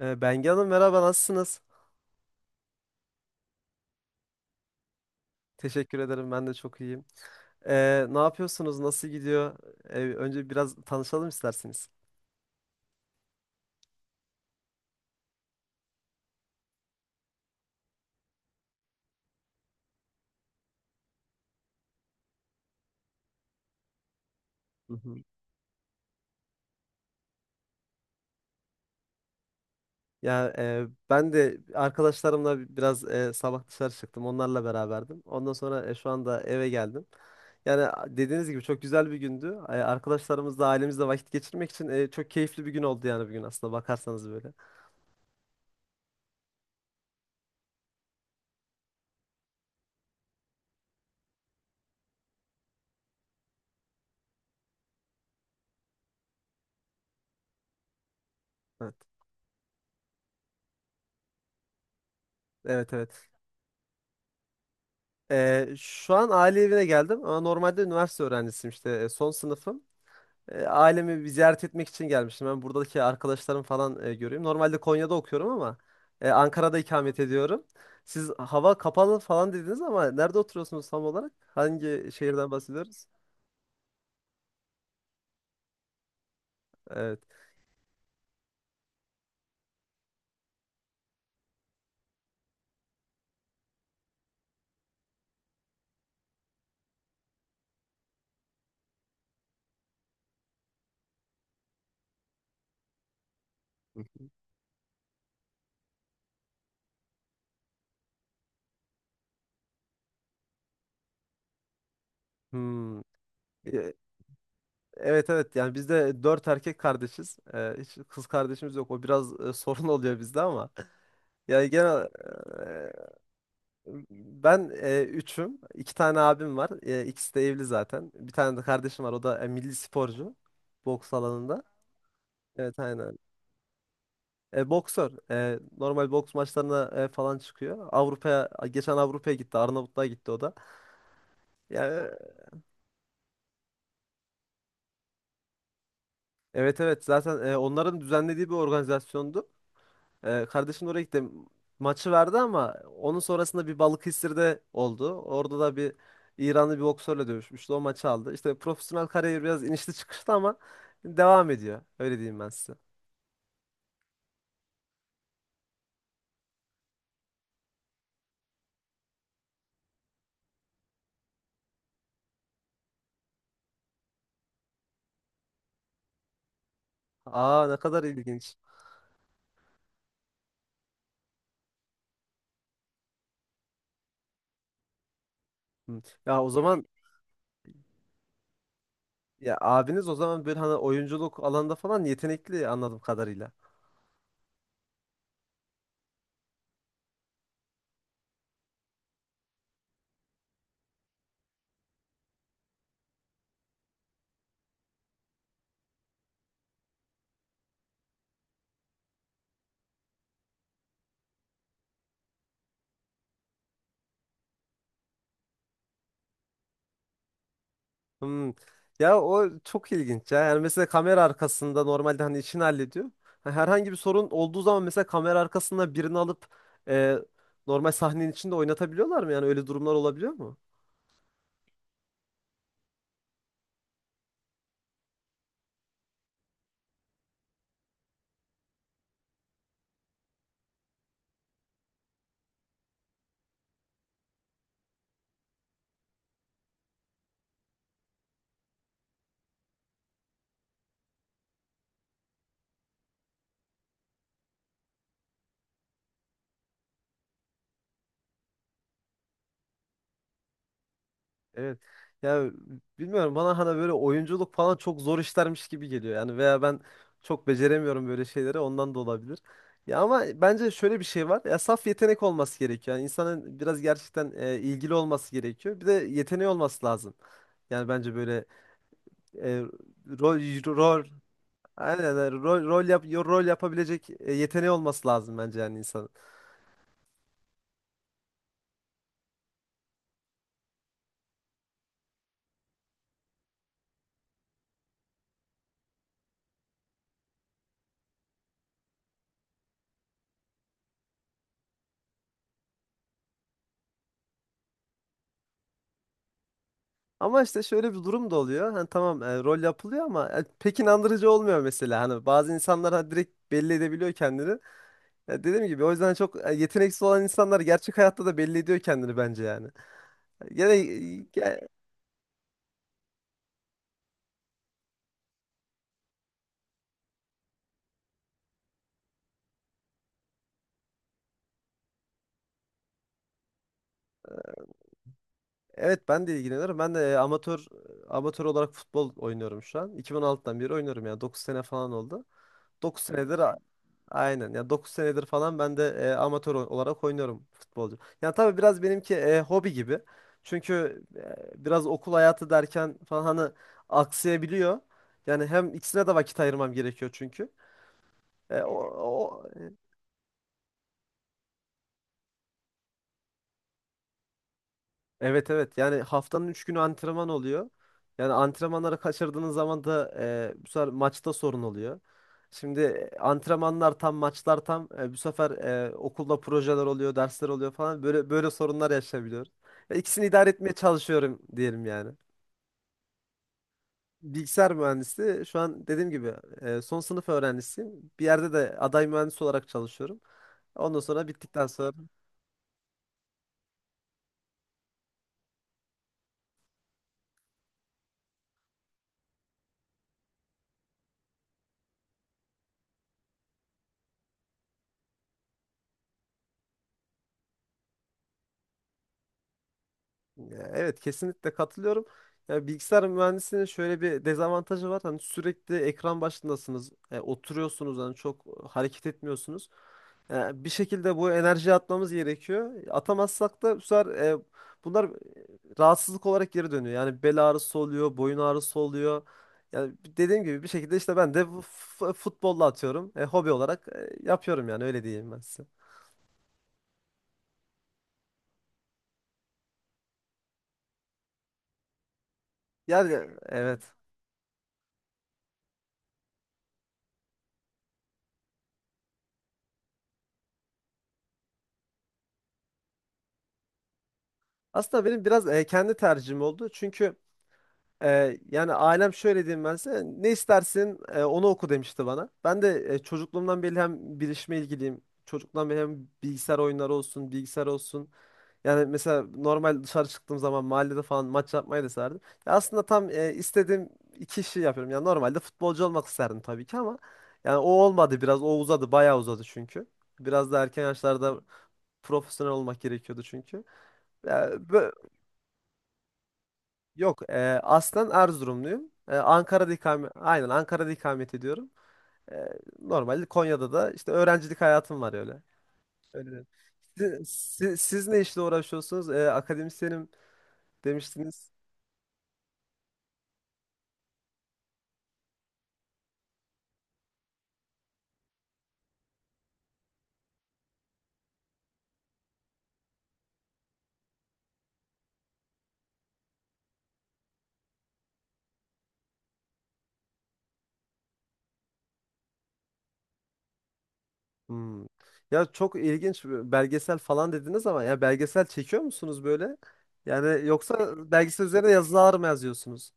Bengi Hanım, merhaba, nasılsınız? Teşekkür ederim, ben de çok iyiyim. Ne yapıyorsunuz? Nasıl gidiyor? Önce biraz tanışalım isterseniz. Hı hı. Ya, ben de arkadaşlarımla biraz sabah dışarı çıktım. Onlarla beraberdim. Ondan sonra şu anda eve geldim. Yani, dediğiniz gibi çok güzel bir gündü. Arkadaşlarımızla, ailemizle vakit geçirmek için çok keyifli bir gün oldu yani, bugün aslında bakarsanız böyle. Evet. Evet evet. Şu an aile evine geldim ama normalde üniversite öğrencisiyim, işte son sınıfım. Ailemi bir ziyaret etmek için gelmiştim. Ben buradaki arkadaşlarım falan göreyim. Normalde Konya'da okuyorum ama Ankara'da ikamet ediyorum. Siz hava kapalı falan dediniz ama nerede oturuyorsunuz tam olarak? Hangi şehirden bahsediyoruz? Evet. Hmm. E, Evet evet, yani biz de dört erkek kardeşiz. Hiç kız kardeşimiz yok. O biraz sorun oluyor bizde ama. Yani genel. Ben üçüm. İki tane abim var. İkisi de evli zaten. Bir tane de kardeşim var. O da milli sporcu. Boks alanında. Evet, aynen. Boksör. Normal boks maçlarına falan çıkıyor. Avrupa'ya, geçen Avrupa'ya gitti. Arnavutluğa gitti o da. Yani, evet evet, zaten onların düzenlediği bir organizasyondu. Kardeşim de oraya gitti. Maçı verdi ama onun sonrasında bir Balıkesir'de oldu. Orada da bir İranlı bir boksörle dövüşmüştü. O maçı aldı. İşte profesyonel kariyeri biraz inişli çıkışlı ama devam ediyor. Öyle diyeyim ben size. Aa, ne kadar ilginç. Hı. Ya, o zaman. Ya, abiniz o zaman böyle hani oyunculuk alanında falan yetenekli, anladığım kadarıyla. Hmm. Ya, o çok ilginç ya. Yani mesela kamera arkasında normalde hani işini hallediyor. Ha, herhangi bir sorun olduğu zaman mesela kamera arkasında birini alıp e, normal sahnenin içinde oynatabiliyorlar mı? Yani öyle durumlar olabiliyor mu? Evet. Ya, bilmiyorum, bana hani böyle oyunculuk falan çok zor işlermiş gibi geliyor. Yani veya ben çok beceremiyorum böyle şeyleri, ondan da olabilir. Ya, ama bence şöyle bir şey var. Ya, saf yetenek olması gerekiyor. Yani insanın biraz gerçekten ilgili olması gerekiyor. Bir de yeteneği olması lazım. Yani bence böyle e, rol rol aynen yani, rol yapabilecek yeteneği olması lazım bence yani insanın. Ama işte şöyle bir durum da oluyor. Hani tamam, rol yapılıyor ama pek inandırıcı olmuyor mesela. Hani bazı insanlar hani direkt belli edebiliyor kendini. Ya, dediğim gibi o yüzden çok yeteneksiz olan insanlar gerçek hayatta da belli ediyor kendini bence yani. Gene ge- evet, ben de ilgileniyorum. Ben de amatör olarak futbol oynuyorum şu an. 2016'dan beri oynuyorum yani 9 sene falan oldu. 9 senedir a- aynen ya, 9 senedir falan ben de amatör olarak oynuyorum, futbolcu. Yani tabii biraz benimki hobi gibi. Çünkü biraz okul hayatı derken falan hani aksayabiliyor. Yani hem ikisine de vakit ayırmam gerekiyor çünkü. E, o, Evet evet, yani haftanın 3 günü antrenman oluyor. Yani antrenmanları kaçırdığınız zaman da bu sefer maçta sorun oluyor. Şimdi antrenmanlar tam, maçlar tam, bu sefer okulda projeler oluyor, dersler oluyor falan, böyle böyle sorunlar yaşayabiliyoruz. Ve İkisini idare etmeye çalışıyorum diyelim yani. Bilgisayar mühendisi şu an, dediğim gibi, son sınıf öğrencisiyim. Bir yerde de aday mühendis olarak çalışıyorum. Ondan sonra bittikten sonra. Ya, evet, kesinlikle katılıyorum. Ya, bilgisayar mühendisliğinin şöyle bir dezavantajı var. Hani sürekli ekran başındasınız. Oturuyorsunuz, hani çok hareket etmiyorsunuz. Bir şekilde bu enerjiyi atmamız gerekiyor. Atamazsak da bu sefer bunlar rahatsızlık olarak geri dönüyor. Yani bel ağrısı oluyor, boyun ağrısı oluyor. Yani dediğim gibi bir şekilde işte ben de bu futbolla atıyorum. Hobi olarak yapıyorum yani, öyle diyeyim ben size. Yani, evet. Aslında benim biraz kendi tercihim oldu. Çünkü yani ailem, şöyle diyeyim ben size. Ne istersin, onu oku demişti bana. Ben de çocukluğumdan beri hem bilişime ilgiliyim. Çocukluğumdan beri hem bilgisayar oyunları olsun, bilgisayar olsun. Yani mesela normal dışarı çıktığım zaman mahallede falan maç yapmayı da isterdim. Ya, aslında tam istediğim iki işi yapıyorum. Yani normalde futbolcu olmak isterdim tabii ki ama yani o olmadı biraz. O uzadı, bayağı uzadı çünkü. Biraz da erken yaşlarda profesyonel olmak gerekiyordu çünkü. Yok, aslen Erzurumluyum. Ankara'da ikamet, aynen Ankara'da ikamet ediyorum. E, Normalde Konya'da da işte öğrencilik hayatım var öyle. Öyle de. Siz ne işle uğraşıyorsunuz? Akademisyenim demiştiniz. Hmm. Ya, çok ilginç, belgesel falan dediniz ama ya, belgesel çekiyor musunuz böyle? Yani yoksa belgesel üzerine yazılar mı yazıyorsunuz?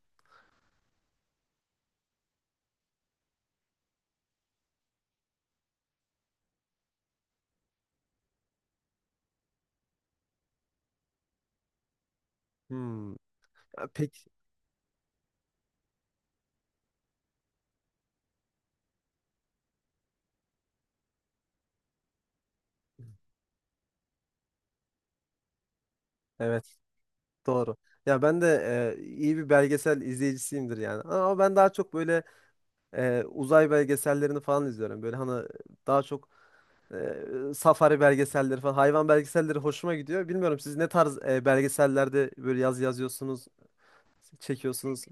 Hmm. Ya, peki, evet, doğru. Ya, ben de iyi bir belgesel izleyicisiyimdir yani. Ama ben daha çok böyle uzay belgesellerini falan izliyorum. Böyle hani daha çok safari belgeselleri falan, hayvan belgeselleri hoşuma gidiyor. Bilmiyorum, siz ne tarz belgesellerde böyle yazıyorsunuz, çekiyorsunuz.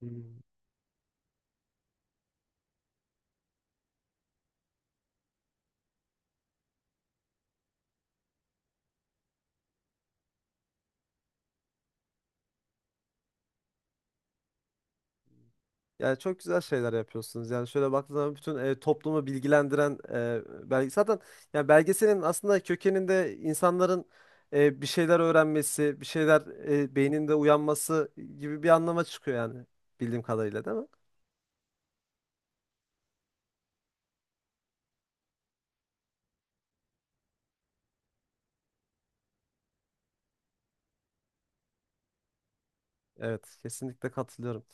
Hmm. Yani çok güzel şeyler yapıyorsunuz. Yani şöyle baktığınız zaman bütün toplumu bilgilendiren e, belge zaten yani belgeselin aslında kökeninde insanların bir şeyler öğrenmesi, bir şeyler beyninde uyanması gibi bir anlama çıkıyor yani, bildiğim kadarıyla, değil mi? Evet, kesinlikle katılıyorum.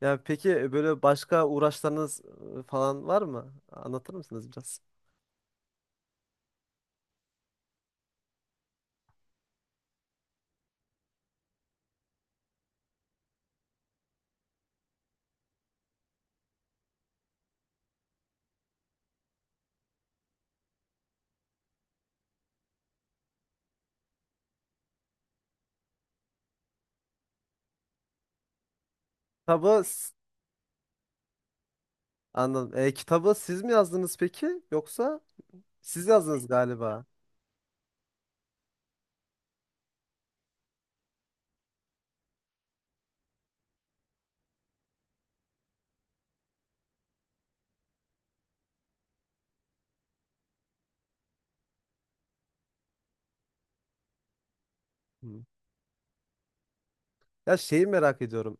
Ya peki, böyle başka uğraşlarınız falan var mı? Anlatır mısınız biraz? Kitabı s- Anladım. Kitabı siz mi yazdınız peki? Yoksa siz yazdınız galiba. Hı. Ya, şeyi merak ediyorum.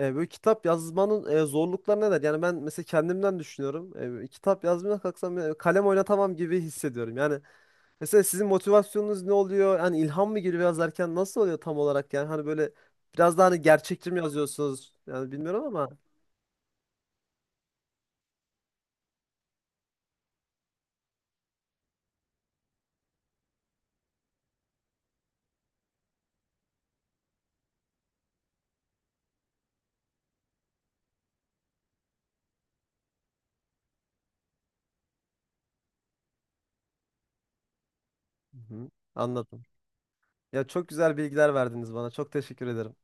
Böyle kitap yazmanın zorlukları neler? Yani ben mesela kendimden düşünüyorum. Böyle kitap yazmaya kalksam kalem oynatamam gibi hissediyorum. Yani mesela sizin motivasyonunuz ne oluyor? Yani ilham mı geliyor yazarken, nasıl oluyor tam olarak? Yani hani böyle biraz daha hani gerçekçi mi yazıyorsunuz? Yani bilmiyorum ama. Hı hı, anladım. Ya, çok güzel bilgiler verdiniz bana. Çok teşekkür ederim.